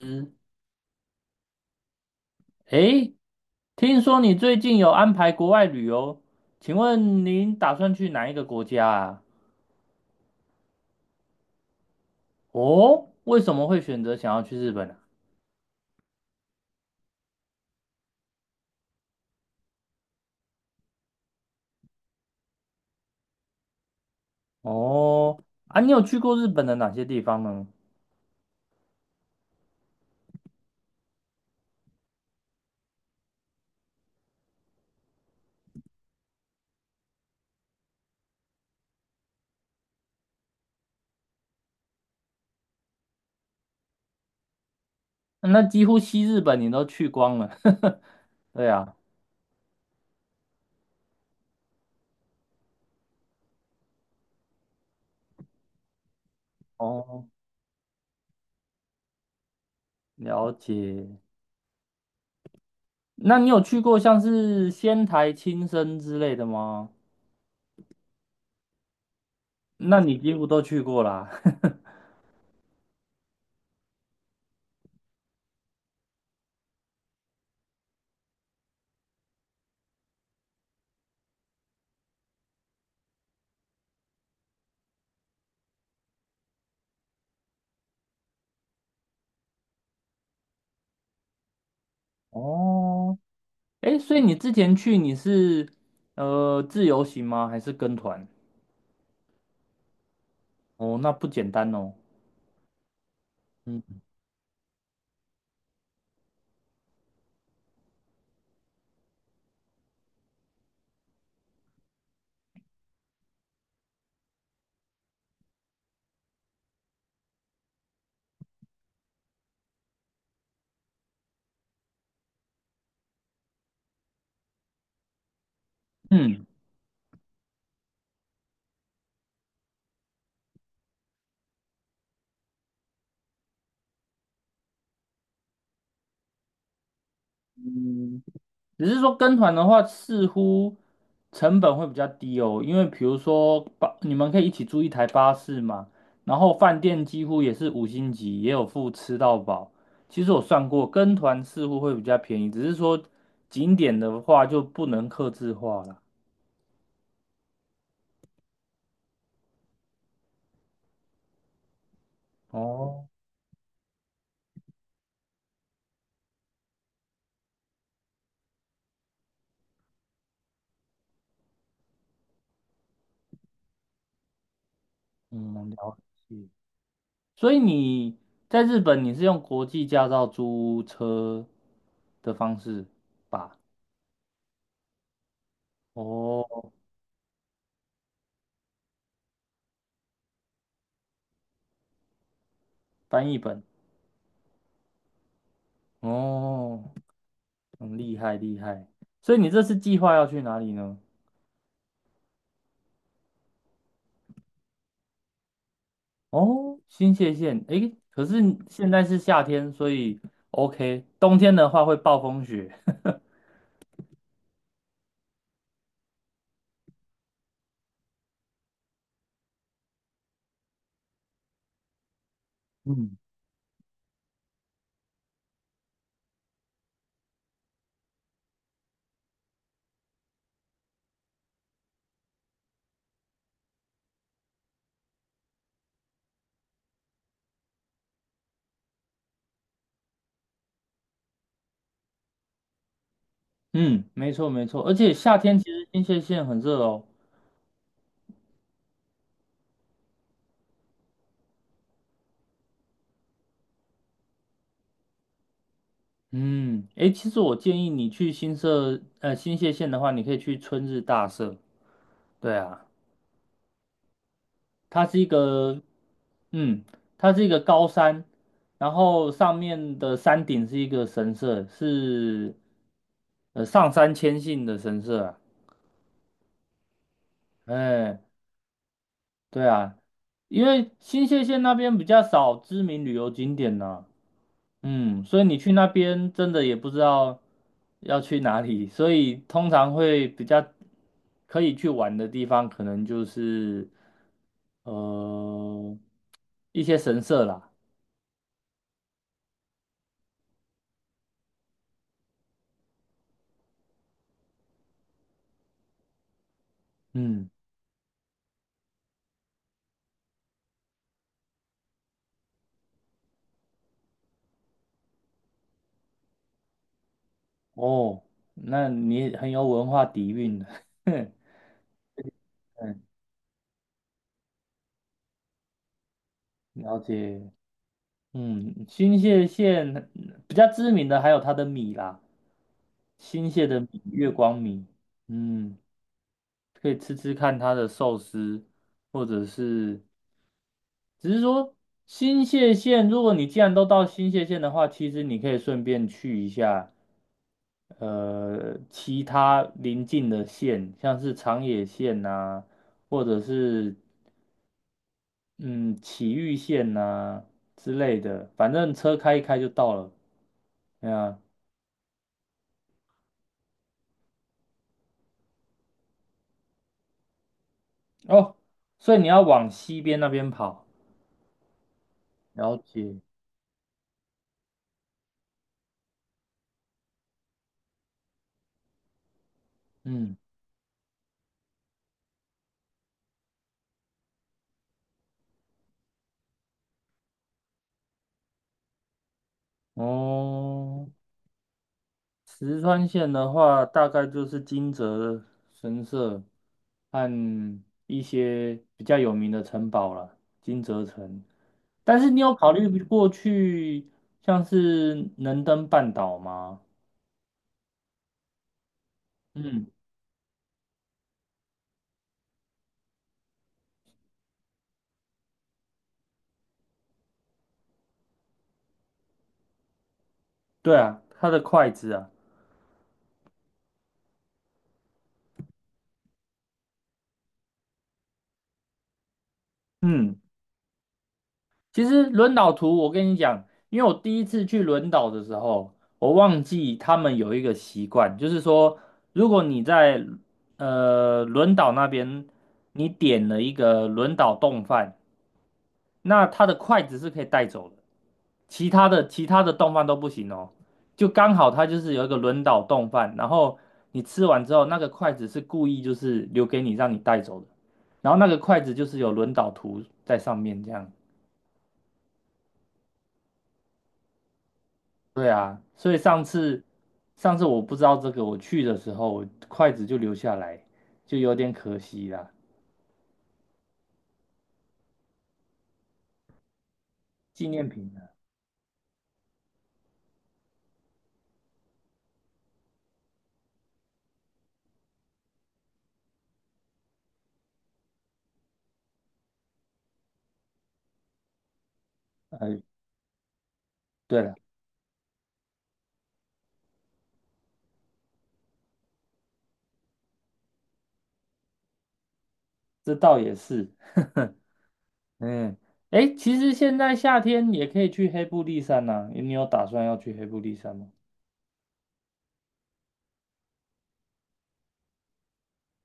嗯。诶，听说你最近有安排国外旅游，请问您打算去哪一个国家啊？哦，为什么会选择想要去日本啊？哦。啊，你有去过日本的哪些地方呢？那几乎西日本你都去光了，对啊。哦，了解。那你有去过像是仙台、青森之类的吗？那你几乎都去过啦。哦，哎，所以你之前去你是自由行吗？还是跟团？哦，那不简单哦。嗯嗯嗯，只是说跟团的话，似乎成本会比较低哦，因为比如说巴，你们可以一起租一台巴士嘛，然后饭店几乎也是五星级，也有付吃到饱。其实我算过，跟团似乎会比较便宜，只是说景点的话就不能客制化了。哦。嗯，了解。所以你在日本你是用国际驾照租车的方式吧？哦，翻译本。哦，很厉害厉害。所以你这次计划要去哪里呢？哦，新泻县。诶，可是现在是夏天，所以 OK。冬天的话会暴风雪。嗯嗯，没错没错，而且夏天其实新泻县很热哦。嗯，诶，其实我建议你去新社新泻县的话，你可以去春日大社。对啊。它是一个，嗯，它是一个高山，然后上面的山顶是一个神社，是上山谦信的神社啊。哎，对啊，因为新泻县那边比较少知名旅游景点呢、嗯，所以你去那边真的也不知道要去哪里，所以通常会比较可以去玩的地方，可能就是呃一些神社啦。嗯。哦，那你很有文化底蕴的。嗯，了解。嗯，新泻县嗯比较知名的还有它的米啦，新泻的米，月光米。嗯，可以吃吃看它的寿司，或者是，只是说新泻县，如果你既然都到新泻县的话，其实你可以顺便去一下，其他邻近的县，像是长野县呐、或者是嗯，崎玉县呐、之类的，反正车开一开就到了。对啊。哦，所以你要往西边那边跑。了解。嗯。哦，石川县的话，大概就是金泽神社和一些比较有名的城堡了，金泽城。但是你有考虑过去像是能登半岛吗？嗯，对啊，它的筷子啊。嗯。其实轮岛图，我跟你讲，因为我第一次去轮岛的时候，我忘记他们有一个习惯，就是说，如果你在轮岛那边，你点了一个轮岛冻饭，那它的筷子是可以带走的，其他的冻饭都不行哦。就刚好它就是有一个轮岛冻饭，然后你吃完之后，那个筷子是故意就是留给你让你带走的，然后那个筷子就是有轮岛图在上面这样。对啊，所以上次我不知道这个，我去的时候筷子就留下来，就有点可惜啦。纪念品啊。对了，这倒也是。嗯，哎，其实现在夏天也可以去黑布利山呐、你有打算要去黑布利山吗？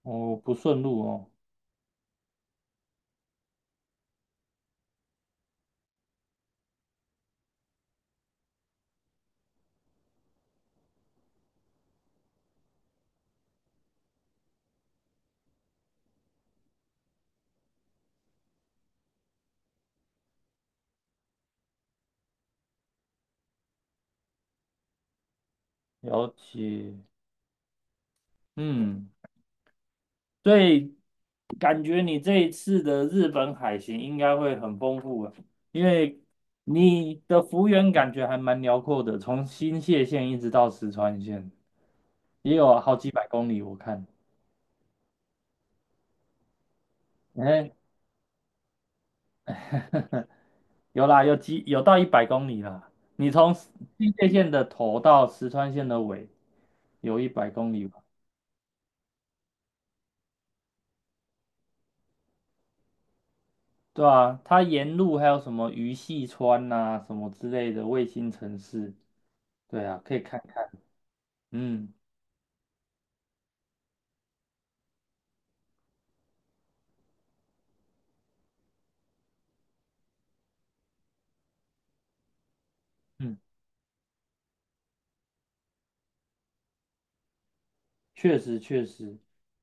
哦，不顺路哦。了解。嗯。所以感觉你这一次的日本海行应该会很丰富啊，因为你的幅员感觉还蛮辽阔的，从新泻县一直到石川县，也有好几百公里。我看，哎，有啦，有几有到一百公里啦。你从新泻县的头到石川县的尾，有一百公里吧？对啊，它沿路还有什么鱼戏川呐、什么之类的卫星城市，对啊，可以看看。嗯。嗯确实确实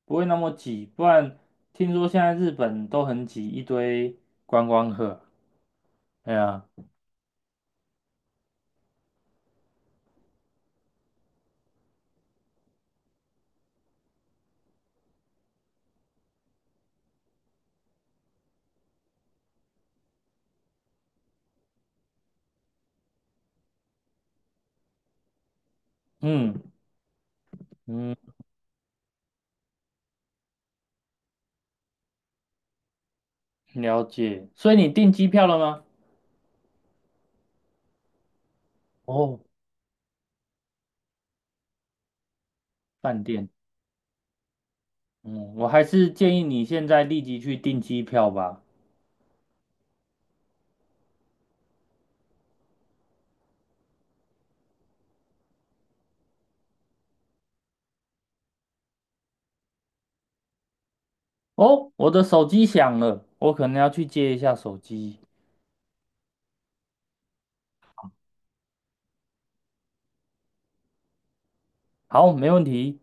不会那么挤，不然听说现在日本都很挤，一堆观光客。哎呀，嗯嗯，了解。所以你订机票了吗？哦，饭店。嗯，我还是建议你现在立即去订机票吧。哦，我的手机响了，我可能要去接一下手机。好，没问题。